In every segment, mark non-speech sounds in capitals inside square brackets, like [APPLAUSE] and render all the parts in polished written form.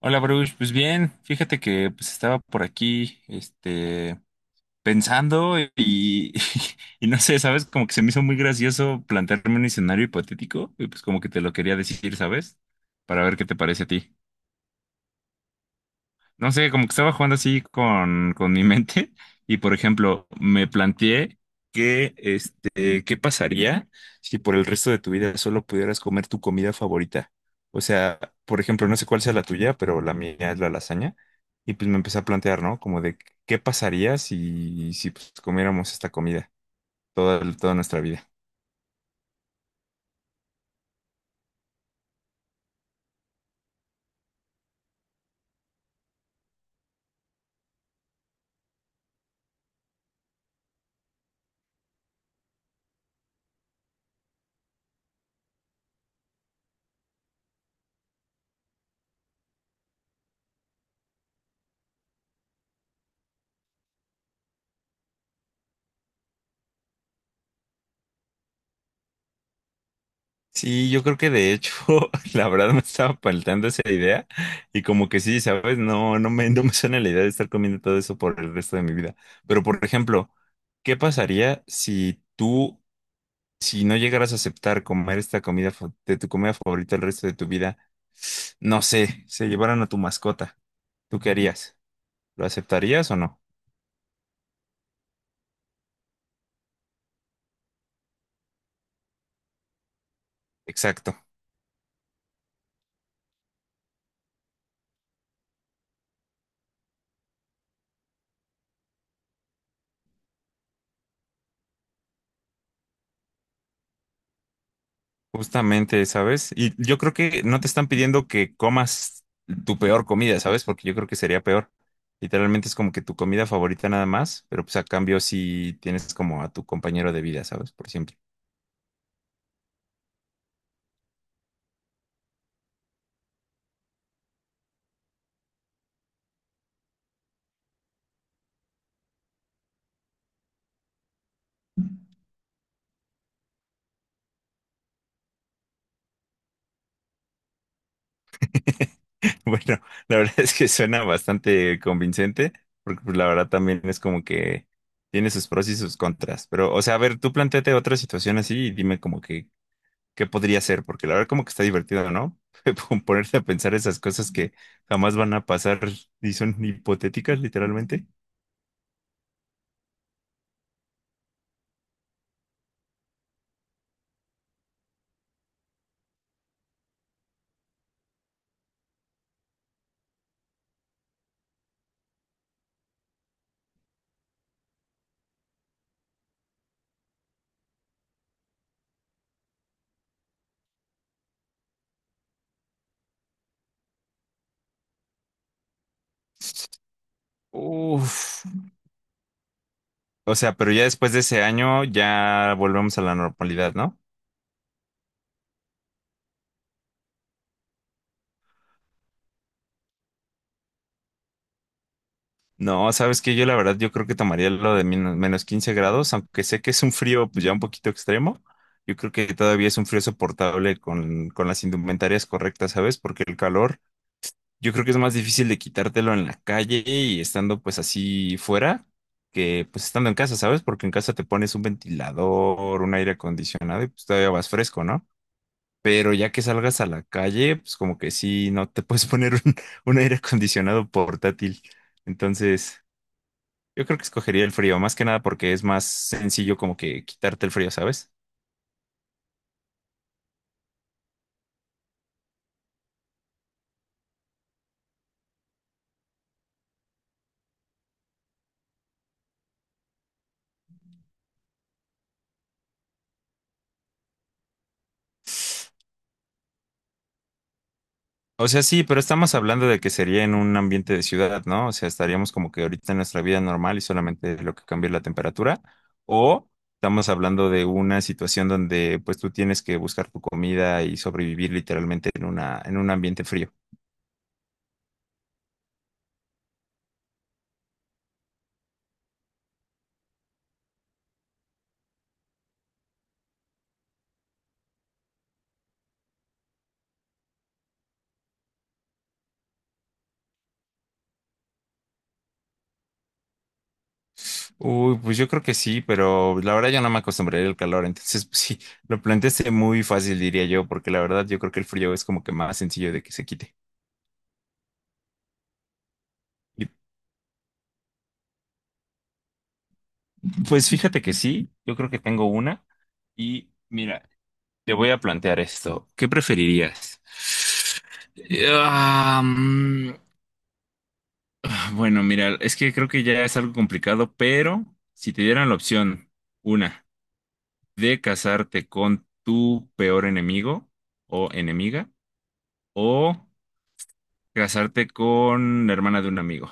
Hola, Bruce. Pues bien, fíjate que pues estaba por aquí, pensando y, [LAUGHS] y no sé, ¿sabes? Como que se me hizo muy gracioso plantearme un escenario hipotético y pues como que te lo quería decir, ¿sabes? Para ver qué te parece a ti. No sé, como que estaba jugando así con mi mente [LAUGHS] y, por ejemplo, me planteé que, ¿qué pasaría si por el resto de tu vida solo pudieras comer tu comida favorita? O sea, por ejemplo, no sé cuál sea la tuya, pero la mía es la lasaña. Y pues me empecé a plantear, ¿no? Como de, ¿qué pasaría si pues, comiéramos esta comida toda nuestra vida? Sí, yo creo que de hecho, [LAUGHS] la verdad me estaba faltando esa idea y como que sí, ¿sabes? No, no me suena la idea de estar comiendo todo eso por el resto de mi vida. Pero, por ejemplo, ¿qué pasaría si tú, si no llegaras a aceptar comer esta comida de tu comida favorita el resto de tu vida? No sé, se llevaran a tu mascota. ¿Tú qué harías? ¿Lo aceptarías o no? Exacto. Justamente, ¿sabes? Y yo creo que no te están pidiendo que comas tu peor comida, ¿sabes? Porque yo creo que sería peor. Literalmente es como que tu comida favorita nada más, pero pues a cambio sí tienes como a tu compañero de vida, ¿sabes? Por siempre. [LAUGHS] Bueno, la verdad es que suena bastante convincente, porque pues, la verdad también es como que tiene sus pros y sus contras. Pero, o sea, a ver, tú planteate otra situación así y dime como que qué podría ser, porque la verdad como que está divertido, ¿no? [LAUGHS] Ponerte a pensar esas cosas que jamás van a pasar y son hipotéticas, literalmente. Uf. O sea, pero ya después de ese año ya volvemos a la normalidad, ¿no? No, sabes que yo la verdad yo creo que tomaría lo de -15 grados, aunque sé que es un frío pues ya un poquito extremo. Yo creo que todavía es un frío soportable con las indumentarias correctas, ¿sabes? Porque el calor, yo creo que es más difícil de quitártelo en la calle y estando pues así fuera que pues estando en casa, ¿sabes? Porque en casa te pones un ventilador, un aire acondicionado y pues todavía vas fresco, ¿no? Pero ya que salgas a la calle, pues como que sí, no te puedes [LAUGHS] poner un aire acondicionado portátil. Entonces, yo creo que escogería el frío, más que nada porque es más sencillo como que quitarte el frío, ¿sabes? O sea, sí, pero estamos hablando de que sería en un ambiente de ciudad, ¿no? O sea, estaríamos como que ahorita en nuestra vida normal y solamente lo que cambia es la temperatura. O estamos hablando de una situación donde pues tú tienes que buscar tu comida y sobrevivir literalmente en en un ambiente frío. Uy, pues yo creo que sí, pero la verdad yo no me acostumbraría al calor, entonces pues sí, lo planteaste muy fácil, diría yo, porque la verdad yo creo que el frío es como que más sencillo de que se quite. Y, pues fíjate que sí, yo creo que tengo una y mira. Te voy a plantear esto. ¿Qué preferirías? Ah, mm, bueno, mira, es que creo que ya es algo complicado, pero si te dieran la opción, una, de casarte con tu peor enemigo o enemiga, o casarte con la hermana de un amigo.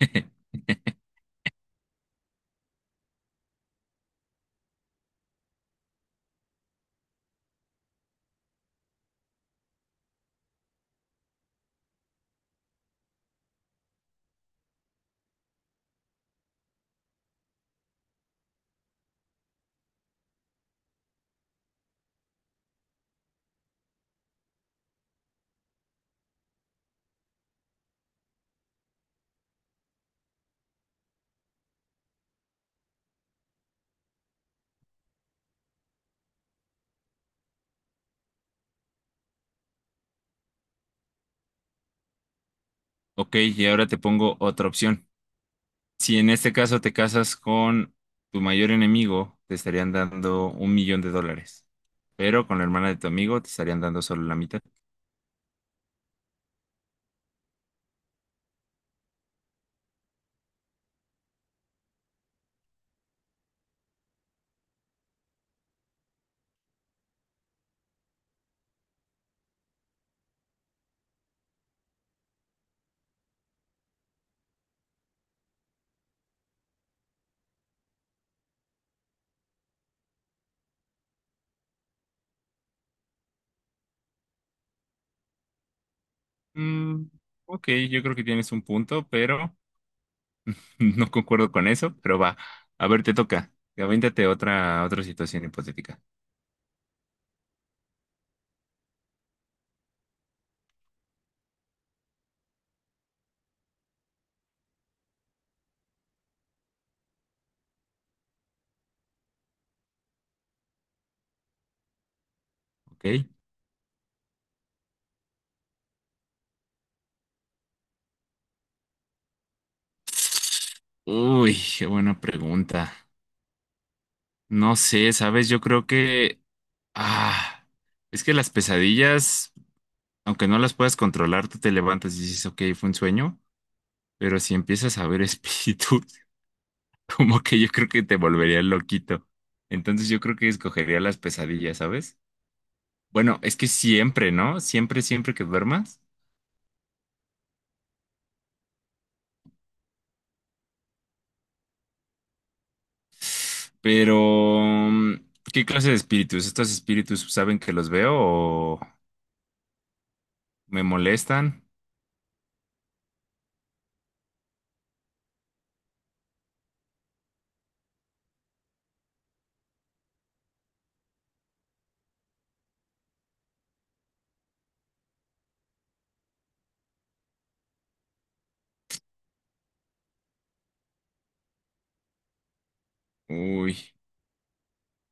[LAUGHS] Ok, y ahora te pongo otra opción. Si en este caso te casas con tu mayor enemigo, te estarían dando $1,000,000, pero con la hermana de tu amigo te estarían dando solo la mitad. Mm, ok, yo creo que tienes un punto, pero [LAUGHS] no concuerdo con eso, pero va. A ver, te toca. Avéntate otra situación hipotética, ¿ok? Uy, qué buena pregunta. No sé, sabes, yo creo que... Ah, es que las pesadillas, aunque no las puedas controlar, tú te levantas y dices, ok, fue un sueño. Pero si empiezas a ver espíritus, [LAUGHS] como que yo creo que te volvería loquito. Entonces yo creo que escogería las pesadillas, ¿sabes? Bueno, es que siempre, ¿no? Siempre, siempre que duermas. Pero, mm, ¿qué clase de espíritus? ¿Estos espíritus saben que los veo o me molestan? Uy,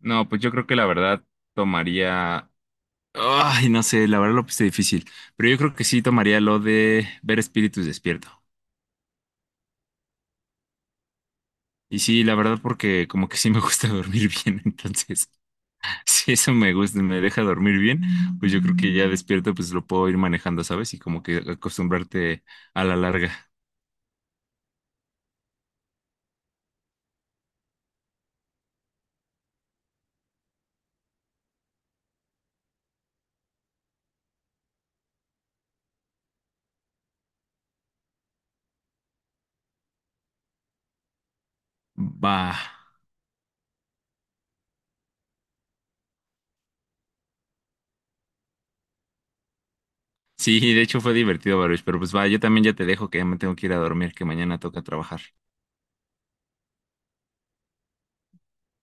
no, pues yo creo que la verdad tomaría... Ay, no sé, la verdad lo puse difícil. Pero yo creo que sí tomaría lo de ver espíritus despierto. Y sí, la verdad, porque como que sí me gusta [LAUGHS] dormir bien, entonces, si eso me gusta, me deja dormir bien, pues yo creo que ya despierto, pues lo puedo ir manejando, ¿sabes? Y como que acostumbrarte a la larga. Va. Sí, de hecho fue divertido, Baruch, pero pues va, yo también ya te dejo que ya me tengo que ir a dormir, que mañana toca trabajar.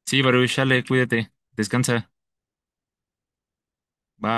Sí, Baruch, sale, cuídate, descansa. Bye.